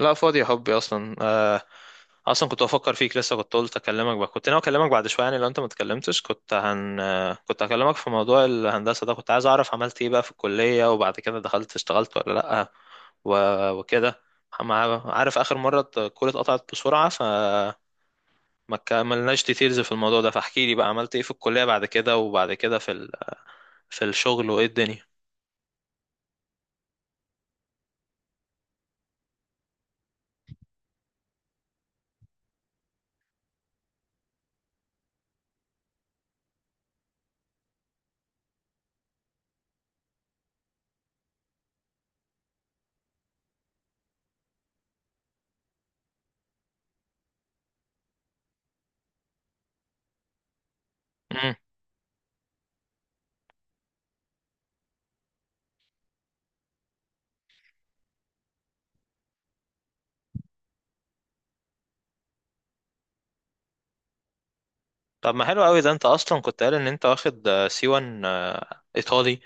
لا فاضي يا حبي اصلا اصلا كنت بفكر فيك لسه، كنت قلت اكلمك بقى. كنت ناوي اكلمك بعد شويه يعني. لو انت ما اتكلمتش كنت هن آه، كنت هكلمك في موضوع الهندسه ده. كنت عايز اعرف عملت ايه بقى في الكليه، وبعد كده دخلت اشتغلت ولا لا؟ و... وكده. عارف اخر مره الكوره اتقطعت بسرعه، فما كملناش ديتيلز في الموضوع ده، فاحكي لي بقى عملت ايه في الكليه بعد كده، وبعد كده في في الشغل، وايه الدنيا. مم. طب ما حلو قوي ده. انت اصلا كنت قال ان انت واخد سي 1 ايطالي،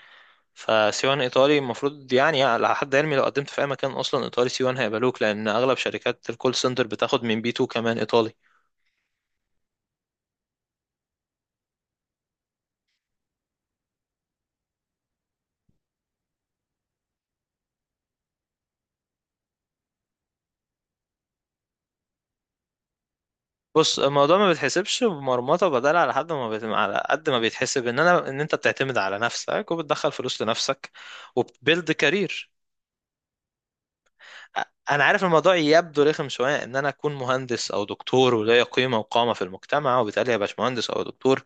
فسي 1 ايطالي المفروض يعني على حد علمي لو قدمت في اي مكان اصلا ايطالي سي 1 هيقبلوك، لان اغلب شركات الكول سنتر بتاخد من بي 2 كمان ايطالي. بص، الموضوع ما بيتحسبش بمرمطه بدل على حد ما بيت... على قد ما بيتحسب ان انا ان انت بتعتمد على نفسك وبتدخل فلوس لنفسك وبتبيلد كارير. انا عارف الموضوع يبدو رخم شويه، ان انا اكون مهندس او دكتور وليا قيمه وقامه في المجتمع، وبالتالي ابقى مهندس او دكتور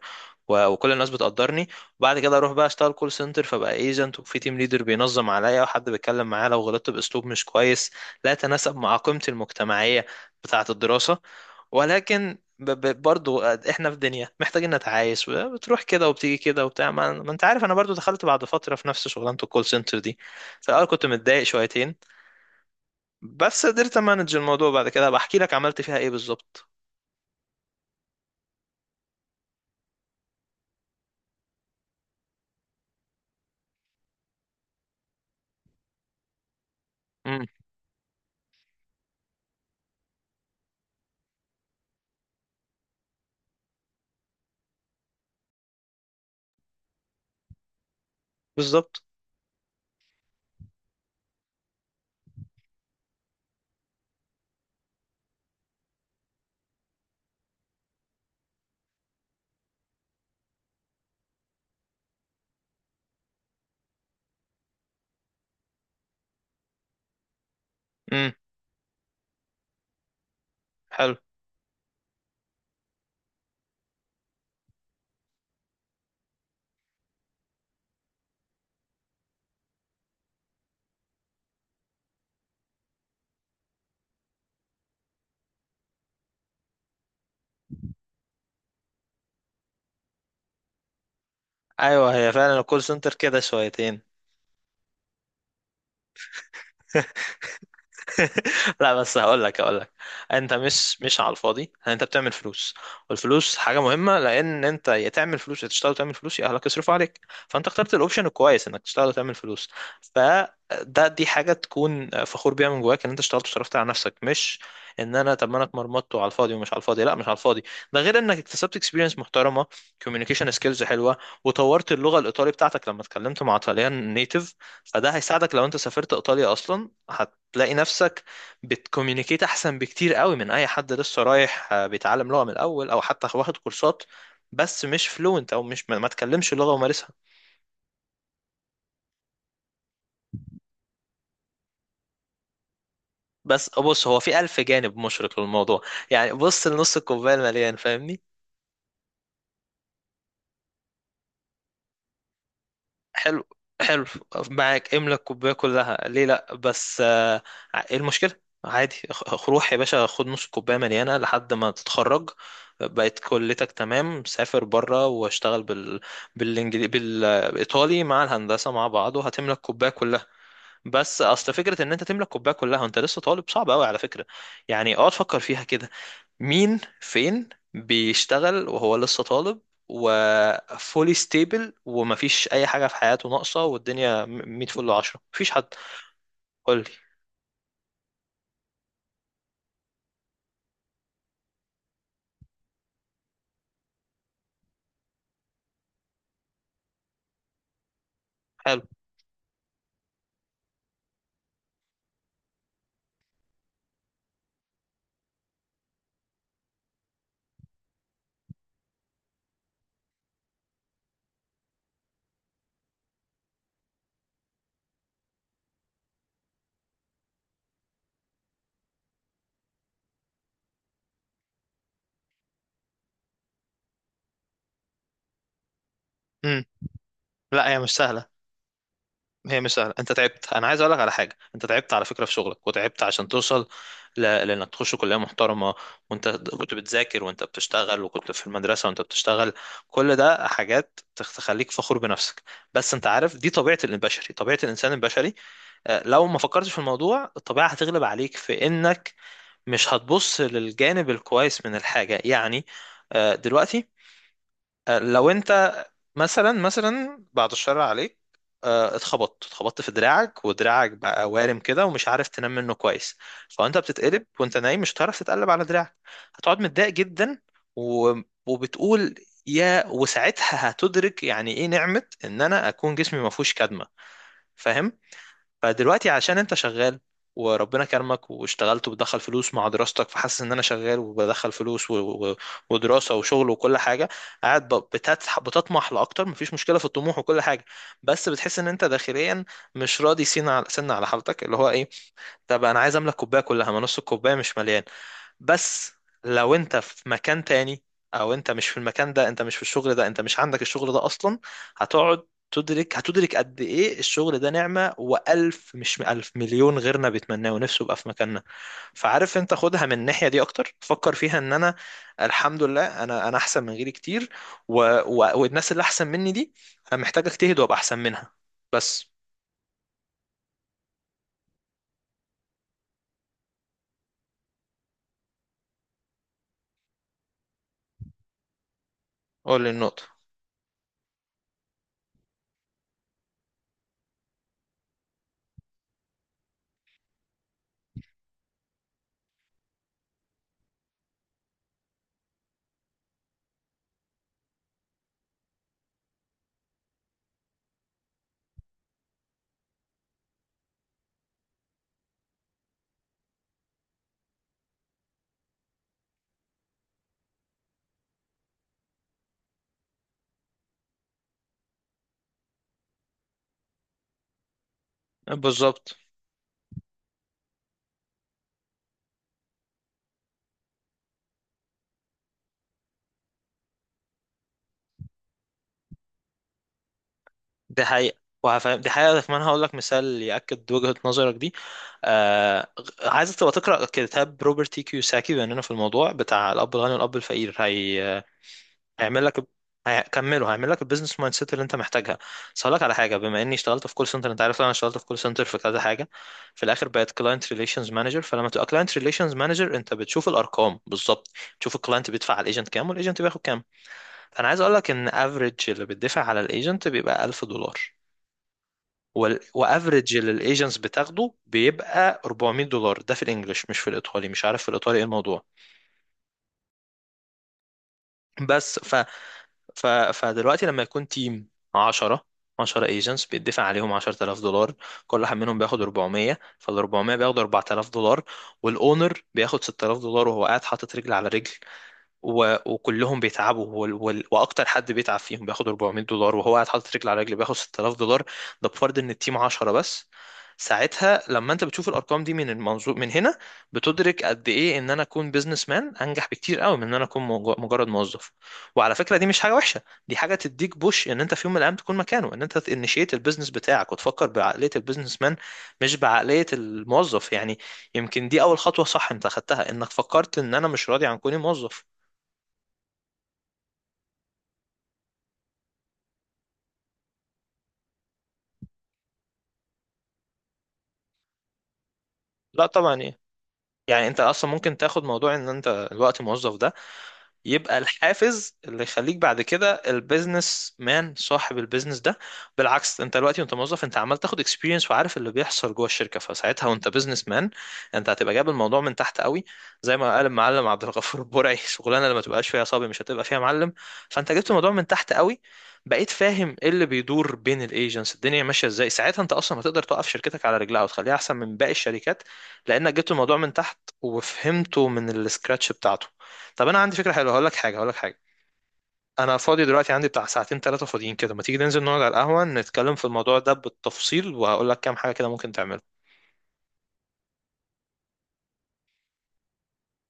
وكل الناس بتقدرني، وبعد كده اروح بقى اشتغل كول سنتر فبقى ايجنت، وفي تيم ليدر بينظم عليا، وحد بيتكلم معايا لو غلطت باسلوب مش كويس لا يتناسب مع قيمتي المجتمعيه بتاعه الدراسه. ولكن برضو احنا في دنيا محتاجين نتعايش، بتروح كده وبتيجي كده وبتاع. ما انت عارف، انا برضو دخلت بعد فتره في نفس شغلانه الكول سنتر دي، في الاول كنت متضايق شويتين، بس قدرت امانج الموضوع بعد كده. بحكي لك عملت فيها ايه بالظبط. امم. بالظبط. امم. حلو. ايوه، هي فعلا الكول سنتر كده شويتين. لا بس هقول لك، هقول لك، انت مش على الفاضي يعني، انت بتعمل فلوس، والفلوس حاجه مهمه، لان انت يا تعمل فلوس، يا تشتغل وتعمل فلوس، يا اهلك يصرفوا عليك. فانت اخترت الاوبشن الكويس، انك تشتغل وتعمل فلوس. فده، دي حاجه تكون فخور بيها من جواك، ان انت اشتغلت وصرفت على نفسك، مش ان انا طب ما انا اتمرمطت وعلى الفاضي ومش على الفاضي. لا، مش على الفاضي. ده غير انك اكتسبت اكسبيرينس محترمه، كوميونيكيشن سكيلز حلوه، وطورت اللغه الايطالي بتاعتك لما اتكلمت مع طليان نيتيف. فده هيساعدك لو انت سافرت ايطاليا اصلا، تلاقي نفسك بتكوميونيكيت احسن بكتير قوي من اي حد لسه رايح بيتعلم لغة من الاول، او حتى واخد كورسات بس مش فلوينت، او مش ما تكلمش اللغة ومارسها. بس بص، هو في الف جانب مشرق للموضوع. يعني بص لنص الكوباية المليان، فاهمني. حلو، حلو. معاك، املى الكوبايه كلها، ليه لا؟ بس ايه المشكله؟ عادي، روح يا باشا، خد نص كوبايه مليانه لحد ما تتخرج، بقت كليتك تمام، سافر بره واشتغل بالايطالي مع الهندسه مع بعض، وهتملك كوبايه كلها. بس اصل فكره ان انت تملك كوبايه كلها وانت لسه طالب، صعب قوي على فكره. يعني اقعد فكر فيها كده، مين فين بيشتغل وهو لسه طالب وفولي ستيبل ومفيش اي حاجه في حياته ناقصه والدنيا 100 فل 10؟ مفيش حد. قول لي. حلو. امم. لا، هي مش سهله، هي مش سهله. انت تعبت، انا عايز اقول لك على حاجه، انت تعبت على فكره في شغلك، وتعبت عشان توصل لانك تخش كليه محترمه، وانت كنت بتذاكر وانت بتشتغل، وكنت في المدرسه وانت بتشتغل. كل ده حاجات تخليك فخور بنفسك. بس انت عارف دي طبيعه البشري، طبيعه الانسان البشري، لو ما فكرتش في الموضوع الطبيعة هتغلب عليك في انك مش هتبص للجانب الكويس من الحاجة يعني. دلوقتي لو انت مثلا، مثلا بعد الشر عليك اتخبطت، اتخبطت في دراعك ودراعك بقى وارم كده ومش عارف تنام منه كويس، فانت بتتقلب وانت نايم مش هتعرف تتقلب على دراعك، هتقعد متضايق جدا و... وبتقول يا، وساعتها هتدرك يعني ايه نعمة ان انا اكون جسمي ما فيهوش كدمة. فاهم؟ فدلوقتي عشان انت شغال وربنا كرمك واشتغلت وبتدخل فلوس مع دراستك، فحاسس ان انا شغال وبدخل فلوس ودراسة وشغل وكل حاجة، قاعد بتطمح لأكتر. مفيش مشكلة في الطموح وكل حاجة، بس بتحس ان انت داخليا مش راضي سين على سن على حالتك، اللي هو ايه، طب انا عايز املك كوباية كلها، ما نص الكوباية مش مليان. بس لو انت في مكان تاني، او انت مش في المكان ده، انت مش في الشغل ده، انت مش عندك الشغل ده اصلا، هتقعد تدرك، هتدرك قد ايه الشغل ده نعمة، والف، مش الف، مليون غيرنا بيتمناه ونفسه يبقى في مكاننا. فعارف، انت خدها من الناحية دي اكتر، فكر فيها ان انا الحمد لله، انا احسن من غيري كتير و... والناس اللي احسن مني دي انا محتاج اجتهد وابقى احسن منها بس. قول لي النقطة. بالظبط. دي حقيقة، وهفهم، دي حقيقة كمان. هقول لك مثال يأكد وجهة نظرك دي. آه... عايزك تبقى تقرأ كتاب روبرت تي كيوساكي، بما إننا في الموضوع بتاع الأب الغني والأب الفقير. هيعمل لك، هيكمله، هيعمل لك البيزنس مايند سيت اللي انت محتاجها. بس هقول لك على حاجه، بما اني اشتغلت في كول سنتر، انت عارف انا اشتغلت في كول سنتر في كذا حاجه، في الاخر بقيت كلاينت ريليشنز مانجر. فلما تبقى كلاينت ريليشنز مانجر انت بتشوف الارقام بالظبط، تشوف الكلاينت بيدفع على الايجنت كام، والايجنت بياخد كام. فانا عايز اقول لك ان افريج اللي بتدفع على الايجنت بيبقى 1000 دولار، وافريج اللي الايجنتس بتاخده بيبقى 400 دولار. ده في الانجليش، مش في الايطالي، مش عارف في الايطالي ايه الموضوع. بس فدلوقتي لما يكون تيم 10 10 ايجنتس، بيدفع عليهم 10000 دولار، كل واحد منهم بياخد 400، فال 400 بياخد 4000 دولار، والاونر بياخد 6000 دولار وهو قاعد حاطط رجل على رجل وكلهم بيتعبوا واكتر حد بيتعب فيهم بياخد 400 دولار، وهو قاعد حاطط رجل على رجل بياخد 6000 دولار. ده بفرض ان التيم 10 بس. ساعتها لما انت بتشوف الارقام دي من المنظور من هنا، بتدرك قد ايه ان انا اكون بيزنس مان انجح بكتير قوي من ان انا اكون مجرد موظف. وعلى فكره دي مش حاجه وحشه، دي حاجه تديك بوش ان انت في يوم من الايام تكون مكانه، ان انت تنشيت البيزنس بتاعك وتفكر بعقليه البيزنس مان مش بعقليه الموظف يعني. يمكن دي اول خطوه صح انت خدتها، انك فكرت ان انا مش راضي عن كوني موظف. لا طبعا. ايه يعني، انت اصلا ممكن تاخد موضوع ان انت الوقت موظف ده يبقى الحافز اللي يخليك بعد كده البيزنس مان صاحب البيزنس ده. بالعكس، انت دلوقتي وانت موظف انت عمال تاخد اكسبيرينس وعارف اللي بيحصل جوه الشركه، فساعتها وانت بيزنس مان انت هتبقى جايب الموضوع من تحت قوي. زي ما قال المعلم عبد الغفور البرعي، شغلانه اللي ما تبقاش فيها صبي مش هتبقى فيها معلم. فانت جبت الموضوع من تحت قوي، بقيت فاهم ايه اللي بيدور بين الايجنتس، الدنيا ماشيه ازاي، ساعتها انت اصلا هتقدر توقف شركتك على رجلها وتخليها احسن من باقي الشركات، لانك جبت الموضوع من تحت وفهمته من السكراتش بتاعته. طب انا عندي فكره حلوه، هقول لك حاجه، هقول لك حاجه، انا فاضي دلوقتي، عندي بتاع 2 3 فاضيين كده، ما تيجي ننزل نقعد على القهوه نتكلم في الموضوع ده بالتفصيل، وهقول لك كام حاجه كده ممكن تعمله.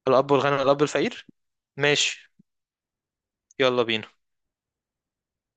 الاب الغني والاب الفقير. ماشي. يلا بينا.